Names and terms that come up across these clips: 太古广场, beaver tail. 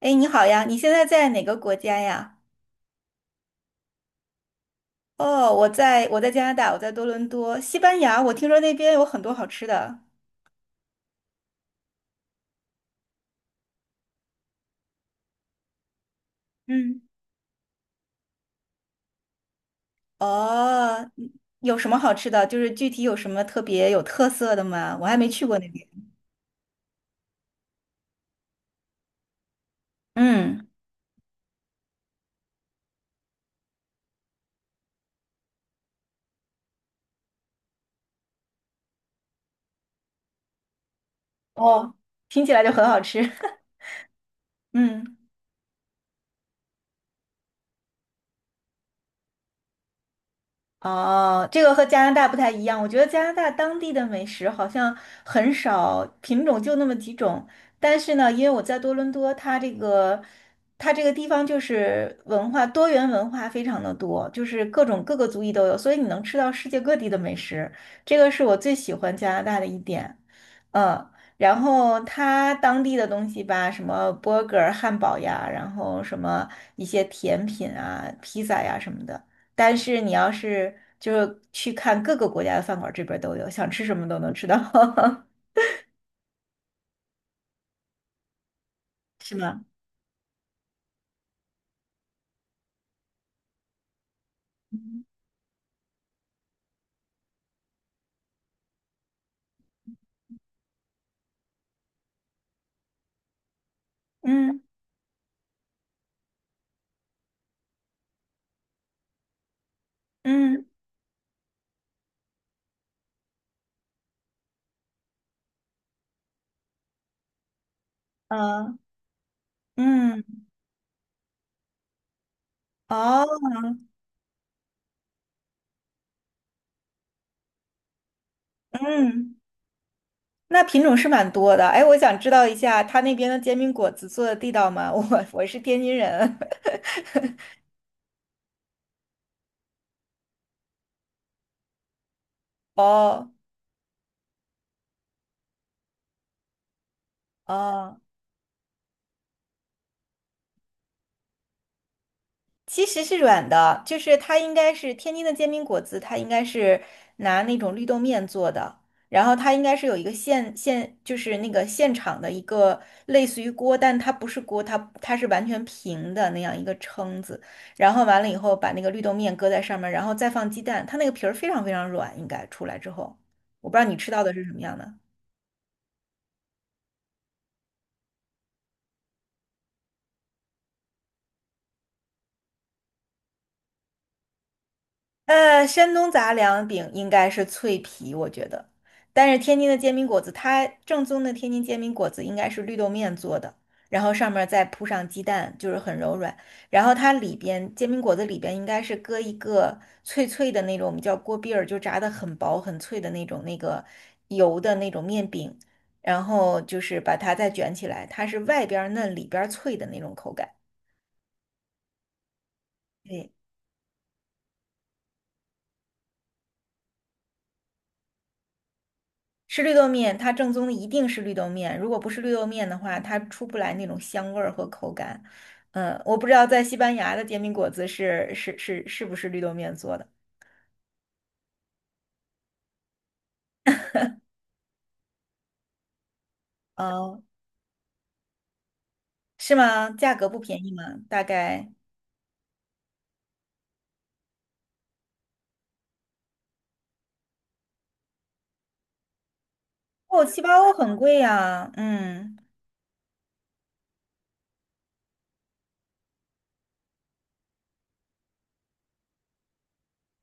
哎，你好呀，你现在在哪个国家呀？哦，我在加拿大，我在多伦多，西班牙。我听说那边有很多好吃的。嗯，哦，嗯，有什么好吃的？就是具体有什么特别有特色的吗？我还没去过那边。嗯，哦，听起来就很好吃。嗯。哦，这个和加拿大不太一样。我觉得加拿大当地的美食好像很少，品种就那么几种。但是呢，因为我在多伦多，它这个地方就是多元文化非常的多，就是各个族裔都有，所以你能吃到世界各地的美食。这个是我最喜欢加拿大的一点。嗯，然后它当地的东西吧，什么 burger 汉堡呀，然后什么一些甜品啊、披萨呀什么的。但是你要是就是去看各个国家的饭馆，这边儿都有，想吃什么都能吃到。是吗？嗯嗯嗯，嗯，哦，嗯，那品种是蛮多的。哎，我想知道一下，他那边的煎饼果子做的地道吗？我是天津人。哦哦。其实是软的，就是它应该是天津的煎饼果子，它应该是拿那种绿豆面做的，然后它应该是有一个就是那个现场的一个类似于锅，但它不是锅，它是完全平的那样一个撑子，然后完了以后把那个绿豆面搁在上面，然后再放鸡蛋，它那个皮儿非常非常软，应该出来之后，我不知道你吃到的是什么样的。山东杂粮饼应该是脆皮，我觉得。但是天津的煎饼果子，它正宗的天津煎饼果子应该是绿豆面做的，然后上面儿再铺上鸡蛋，就是很柔软。然后它里边煎饼果子里边应该是搁一个脆脆的那种，我们叫锅篦儿，就炸的很薄很脆的那个油的那种面饼，然后就是把它再卷起来，它是外边儿嫩里边儿脆的那种口感。对。吃绿豆面，它正宗的一定是绿豆面，如果不是绿豆面的话，它出不来那种香味儿和口感。嗯，我不知道在西班牙的煎饼果子是不是绿豆面做的？哦，是吗？价格不便宜吗？大概哦，七八欧很贵呀。嗯，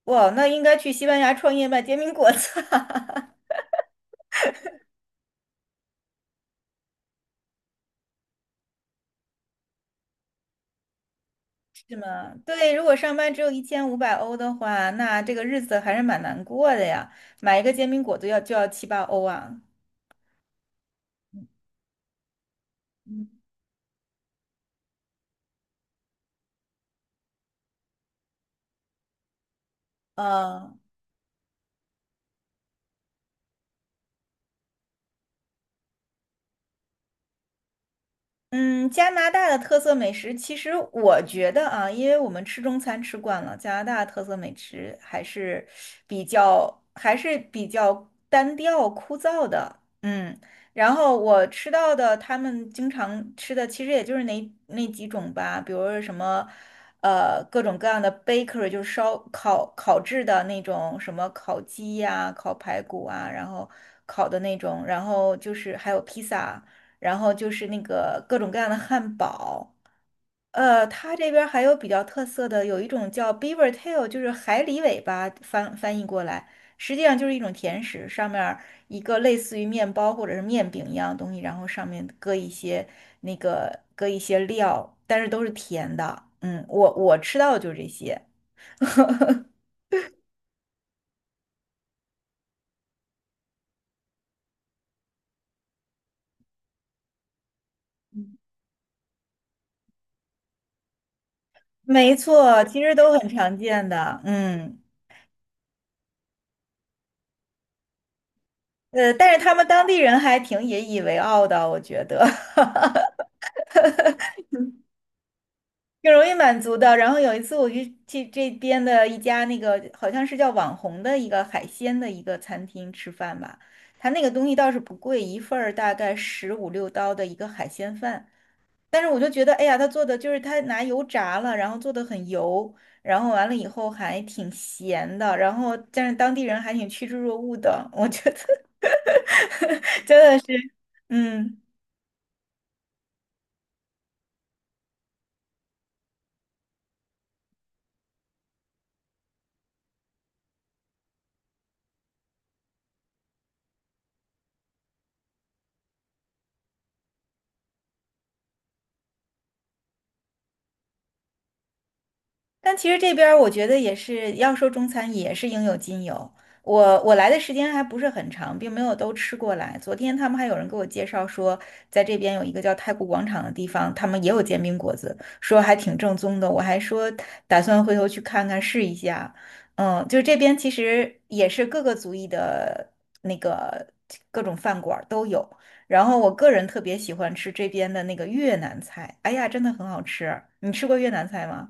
哇，那应该去西班牙创业卖煎饼果子啊，是吗？对，如果上班只有1500欧的话，那这个日子还是蛮难过的呀。买一个煎饼果子就要七八欧啊。嗯，呃嗯，加拿大的特色美食，其实我觉得啊，因为我们吃中餐吃惯了，加拿大的特色美食还是还是比较单调枯燥的。嗯，然后我吃到的他们经常吃的，其实也就是那几种吧，比如说什么各种各样的 bakery，就是烧烤烤制的那种什么烤鸡呀、烤排骨啊，然后烤的那种，然后就是还有披萨然后就是那个各种各样的汉堡。它这边儿还有比较特色的，有一种叫 beaver tail，就是海狸尾巴翻译过来，实际上就是一种甜食，上面儿一个类似于面包或者是面饼一样的东西，然后上面搁一些那个搁一些料，但是都是甜的。嗯，我吃到的就是这些，没错，其实都很常见的。嗯，但是他们当地人还挺引以为傲的，我觉得。挺容易满足的。然后有一次我去这边的一家那个好像是叫网红的一个海鲜的一个餐厅吃饭吧，他那个东西倒是不贵，一份儿大概15、16刀的一个海鲜饭。但是我就觉得，哎呀，他做的就是他拿油炸了，然后做的很油，然后完了以后还挺咸的，然后但是当地人还挺趋之若鹜的，我觉得 真的是，嗯。但其实这边儿我觉得也是，要说中餐也是应有尽有。我来的时间还不是很长，并没有都吃过来。昨天他们还有人给我介绍说，在这边有一个叫太古广场的地方，他们也有煎饼果子，说还挺正宗的。我还说打算回头去看看试一下。嗯，就这边其实也是各个族裔的那个各种饭馆儿都有。然后我个人特别喜欢吃这边的那个越南菜，哎呀，真的很好吃。你吃过越南菜吗？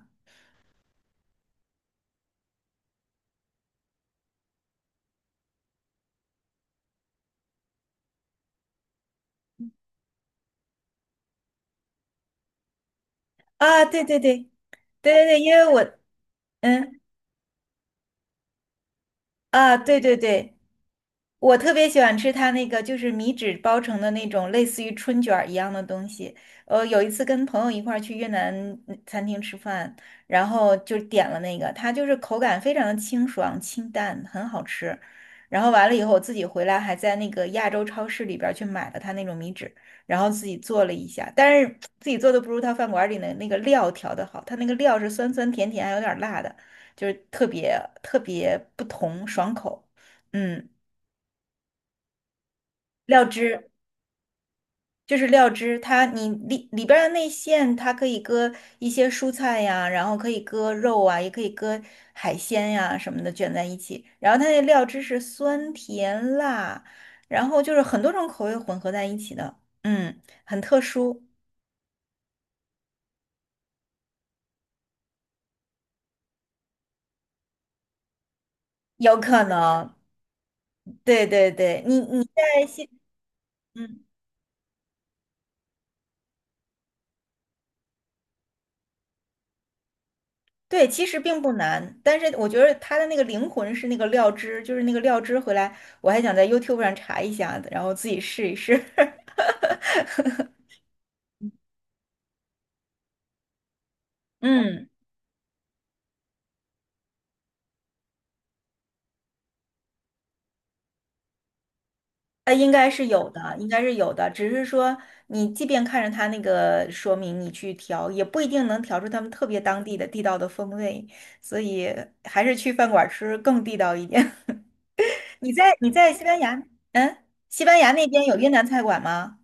啊，对对对，对对对，因为我，嗯，啊，对对对，我特别喜欢吃它那个就是米纸包成的那种类似于春卷儿一样的东西。有一次跟朋友一块儿去越南餐厅吃饭，然后就点了那个，它就是口感非常的清爽清淡，很好吃。然后完了以后，我自己回来还在那个亚洲超市里边儿去买了它那种米纸，然后自己做了一下，但是自己做的不如他饭馆儿里的那个料调的好，它那个料是酸酸甜甜，还有点儿辣的。就是特别特别不同，爽口。嗯，料汁就是料汁，你里边儿的内馅，它可以搁一些蔬菜呀，然后可以搁肉啊，也可以搁海鲜呀什么的卷在一起。然后它那料汁是酸甜辣，然后就是很多种口味混合在一起的，嗯，很特殊，有可能。对对对，你在西，嗯。对，其实并不难，但是我觉得它的那个灵魂是那个料汁，就是那个料汁回来，我还想在 YouTube 上查一下，然后自己试一试。嗯，应该是有的，应该是有的，只是说你即便看着它那个说明，你去调，也不一定能调出他们特别当地的地道的风味，所以还是去饭馆吃更地道一点。你在西班牙，嗯，西班牙那边有越南菜馆吗？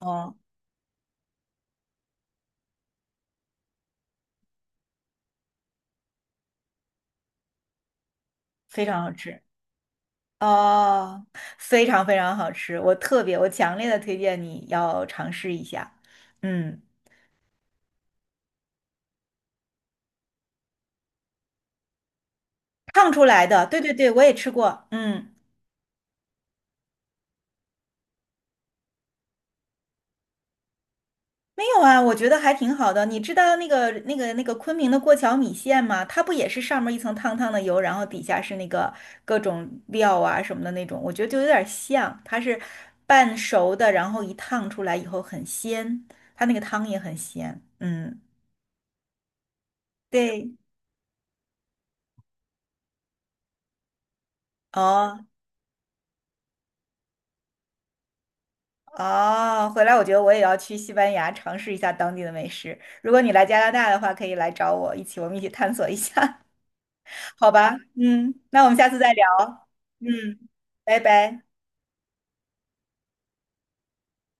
哦，非常好吃。哦，非常非常好吃，我特别，我强烈的推荐你要尝试一下。嗯，烫出来的，对对对，我也吃过。嗯，没有啊，我觉得还挺好的。你知道那个昆明的过桥米线吗？它不也是上面一层烫烫的油，然后底下是那个各种料啊什么的那种，我觉得就有点像，它是半熟的，然后一烫出来以后很鲜，它那个汤也很鲜。嗯，对。哦，哦，回来我觉得我也要去西班牙尝试一下当地的美食。如果你来加拿大的话，可以来找我，我们一起探索一下，好吧？嗯，那我们下次再聊。嗯，拜拜。